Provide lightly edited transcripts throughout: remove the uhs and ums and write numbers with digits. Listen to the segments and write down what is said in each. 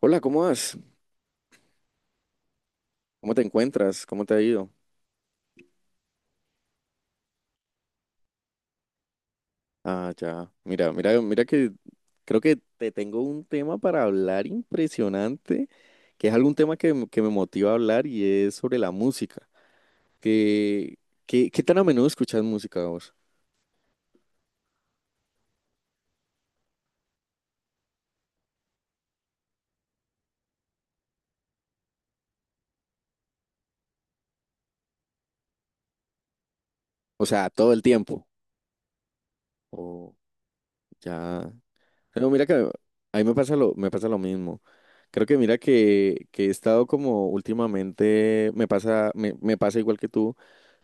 Hola, ¿cómo vas? ¿Cómo te encuentras? ¿Cómo te ha ido? Ah, ya. Mira que creo que te tengo un tema para hablar impresionante, que es algún tema que me motiva a hablar y es sobre la música. ¿Qué, qué tan a menudo escuchas música vos? O sea, todo el tiempo. O ya. Pero mira que a mí me pasa lo mismo. Creo que mira que he estado como últimamente, me pasa igual que tú,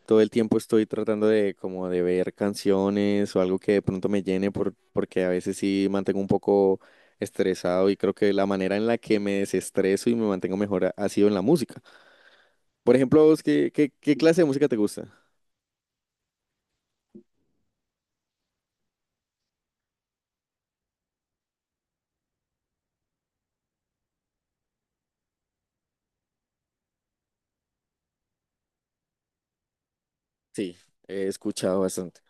todo el tiempo estoy tratando de como de ver canciones o algo que de pronto me llene porque a veces sí mantengo un poco estresado y creo que la manera en la que me desestreso y me mantengo mejor ha sido en la música. Por ejemplo, ¿vos qué clase de música te gusta? Sí, he escuchado bastante.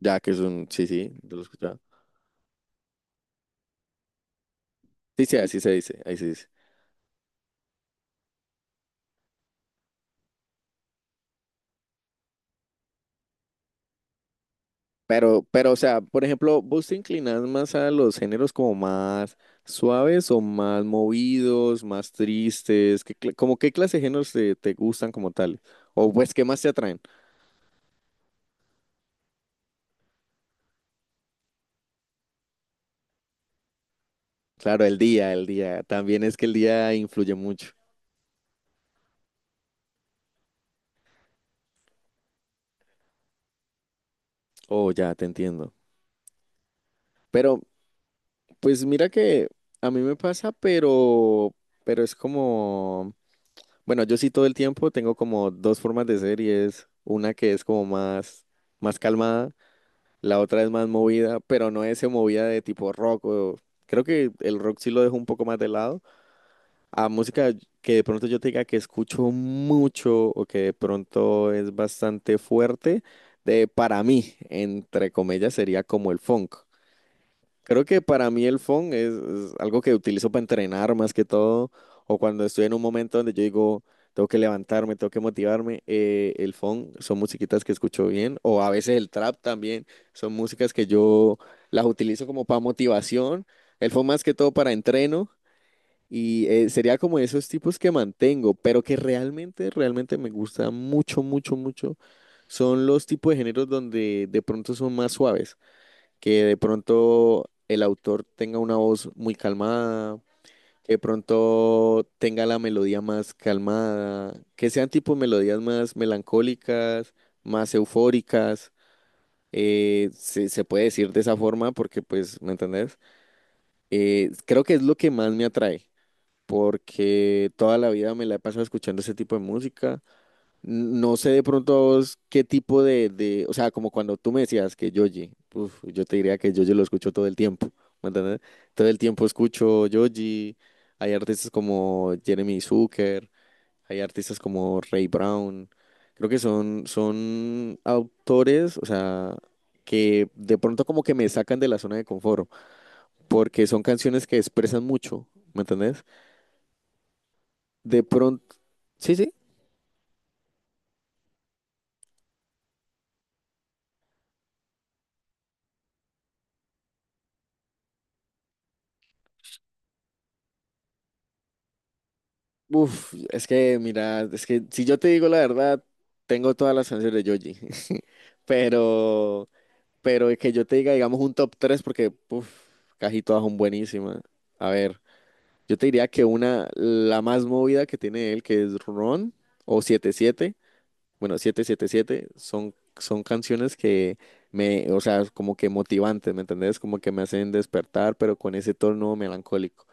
Ya que es un, sí, sí, yo lo he escuchado. Sí, sí, así se dice, ahí se dice. Pero, o sea, por ejemplo, ¿vos te inclinás más a los géneros como más suaves o más movidos, más tristes? ¿Qué, como qué clase de géneros te gustan como tal? O pues, ¿qué más te atraen? Claro, el día, el día. También es que el día influye mucho. Oh, ya, te entiendo. Pero, pues mira que a mí me pasa, pero es como, bueno, yo sí todo el tiempo tengo como dos formas de ser y es una que es como más, más calmada. La otra es más movida, pero no es movida de tipo rock. Creo que el rock sí lo dejo un poco más de lado. A música que de pronto yo te diga que escucho mucho o que de pronto es bastante fuerte, de, para mí, entre comillas, sería como el funk. Creo que para mí el phone es algo que utilizo para entrenar más que todo, o cuando estoy en un momento donde yo digo, tengo que levantarme, tengo que motivarme, el phone son musiquitas que escucho bien, o a veces el trap también, son músicas que yo las utilizo como para motivación, el phone más que todo para entreno, y sería como esos tipos que mantengo, pero que realmente me gusta mucho, mucho, mucho, son los tipos de géneros donde de pronto son más suaves, que de pronto el autor tenga una voz muy calmada, que de pronto tenga la melodía más calmada, que sean tipo melodías más melancólicas, más eufóricas. Se puede decir de esa forma porque, pues, ¿me entendés? Creo que es lo que más me atrae, porque toda la vida me la he pasado escuchando ese tipo de música. No sé de pronto a vos qué tipo de, o sea, como cuando tú me decías que Yoji, uf, yo te diría que Yoji lo escucho todo el tiempo, ¿me entiendes? Todo el tiempo escucho Yoji, hay artistas como Jeremy Zucker, hay artistas como Ray Brown, creo que son autores, o sea, que de pronto como que me sacan de la zona de confort, porque son canciones que expresan mucho, ¿me entendés? De pronto, sí, sí. Uf, es que, mira, es que si yo te digo la verdad, tengo todas las canciones de Yoji. Pero, pero que yo te diga, digamos, un top 3 porque uf, casi todas son buenísimas. A ver, yo te diría que una, la más movida que tiene él, que es Ron o 77, bueno, 777, son canciones que me, o sea, como que motivantes, ¿me entendés? Como que me hacen despertar, pero con ese tono melancólico.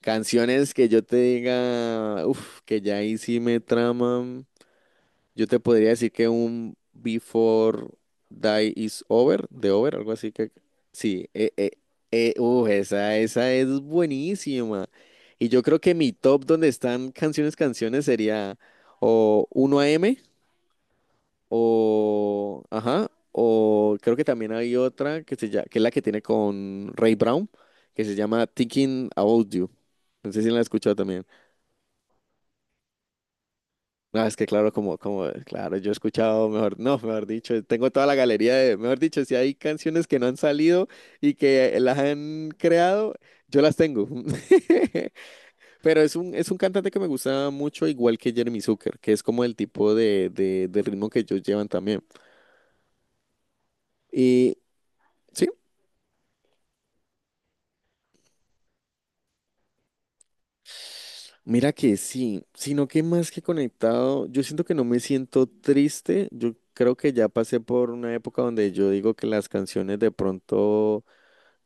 Canciones que yo te diga, uff, que ya ahí sí me traman. Yo te podría decir que un Before Die Is Over, de Over, algo así que. Sí, uf, esa es buenísima. Y yo creo que mi top donde están canciones sería o uno a m o. Ajá, o creo que también hay otra que, se llama, que es la que tiene con Ray Brown, que se llama Thinking About You. No sé si la he escuchado también. No, es que claro, como, claro, yo he escuchado, mejor, no, mejor dicho, tengo toda la galería de, mejor dicho, si hay canciones que no han salido y que las han creado, yo las tengo. Pero es un cantante que me gusta mucho, igual que Jeremy Zucker, que es como el tipo de ritmo que ellos llevan también. Y sí, mira que sí, sino que más que conectado, yo siento que no me siento triste, yo creo que ya pasé por una época donde yo digo que las canciones de pronto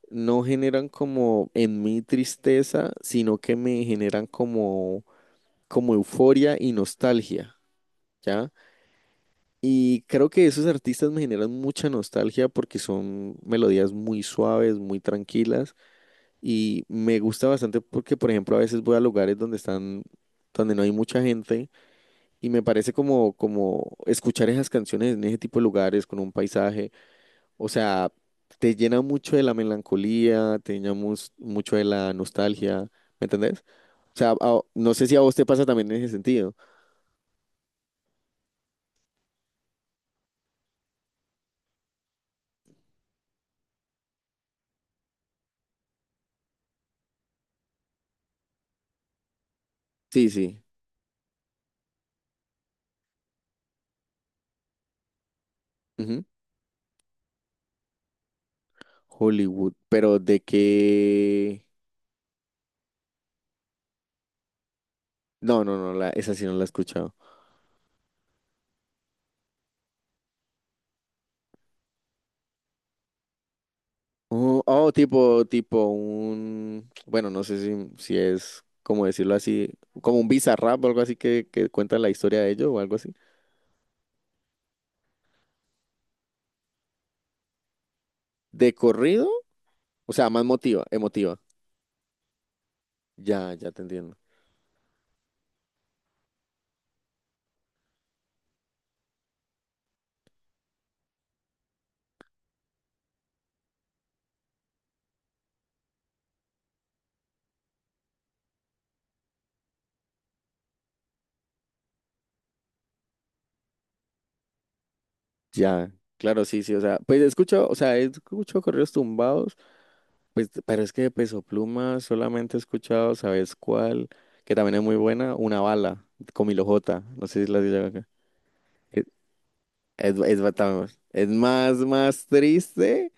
no generan como en mí tristeza, sino que me generan como, como euforia y nostalgia, ¿ya? Y creo que esos artistas me generan mucha nostalgia porque son melodías muy suaves, muy tranquilas y me gusta bastante porque, por ejemplo, a veces voy a lugares donde están, donde no hay mucha gente y me parece como, como escuchar esas canciones en ese tipo de lugares con un paisaje. O sea, te llena mucho de la melancolía, te llena mucho de la nostalgia, ¿me entendés? O sea, no sé si a vos te pasa también en ese sentido. Sí, sí. Ujú. Hollywood, pero de qué... No, no, no, la, esa sí no la he escuchado. Oh, oh, tipo, tipo un... Bueno, no sé si, si es, como decirlo así, como un Bizarrap o algo así que cuenta la historia de ellos o algo así. ¿De corrido? O sea, más motiva, emotiva. Ya, ya te entiendo. Ya, claro, sí, sí, o sea, pues escucho, o sea, he escuchado corridos tumbados, pues, pero es que de Peso Pluma solamente he escuchado, ¿sabes cuál? Que también es muy buena, Una Bala, con Milo J, no sé si la digo acá. Es, es más, más triste,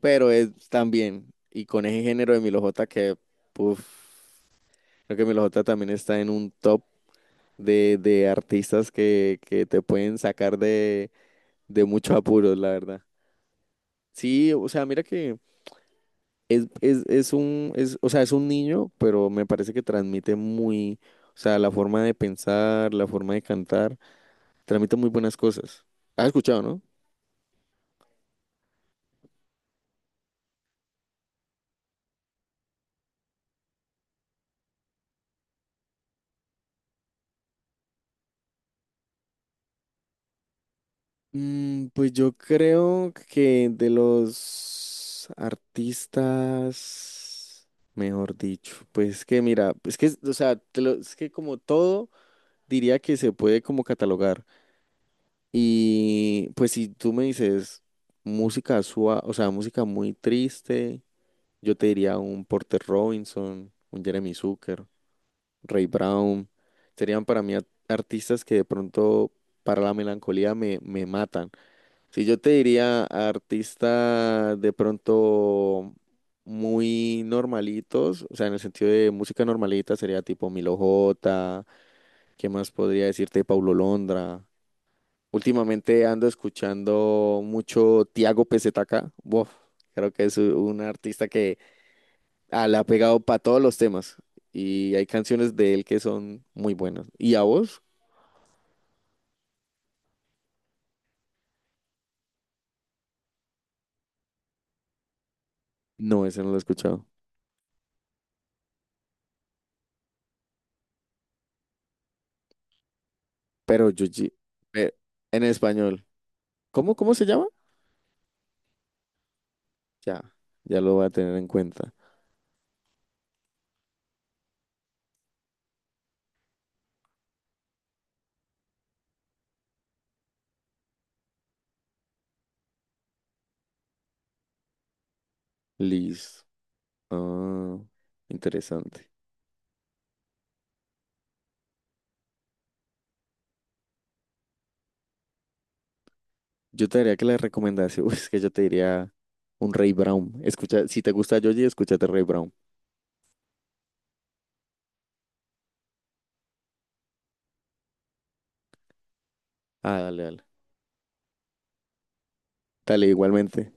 pero es también, y con ese género de Milo J que, puff, creo que Milo J también está en un top de artistas que te pueden sacar de muchos apuros, la verdad. Sí, o sea, mira que... Es, o sea, es un niño, pero me parece que transmite muy, o sea, la forma de pensar, la forma de cantar, transmite muy buenas cosas. ¿Has escuchado, no? Mm, pues yo creo que de los artistas, mejor dicho, pues es que mira, es que, o sea, es que como todo, diría que se puede como catalogar. Y pues si tú me dices música suave, o sea, música muy triste. Yo te diría un Porter Robinson, un Jeremy Zucker, Ray Brown. Serían para mí artistas que de pronto para la melancolía me, me matan. Si yo te diría artista de pronto muy normalitos, o sea, en el sentido de música normalita sería tipo Milo J, ¿qué más podría decirte? Paulo Londra. Últimamente ando escuchando mucho Tiago PZK. Buf, creo que es un artista que... Ah, la ha pegado para todos los temas. Y hay canciones de él que son muy buenas. ¿Y a vos? No, ese no lo he escuchado. Pero Yuji, eh, en español. ¿Cómo, cómo se llama? Ya, ya lo voy a tener en cuenta. Liz. Ah, interesante. Yo te diría que la recomendación, es que yo te diría un Ray Brown. Escucha, si te gusta Yoji, escúchate Ray Brown. Ah, dale, dale. Dale, igualmente.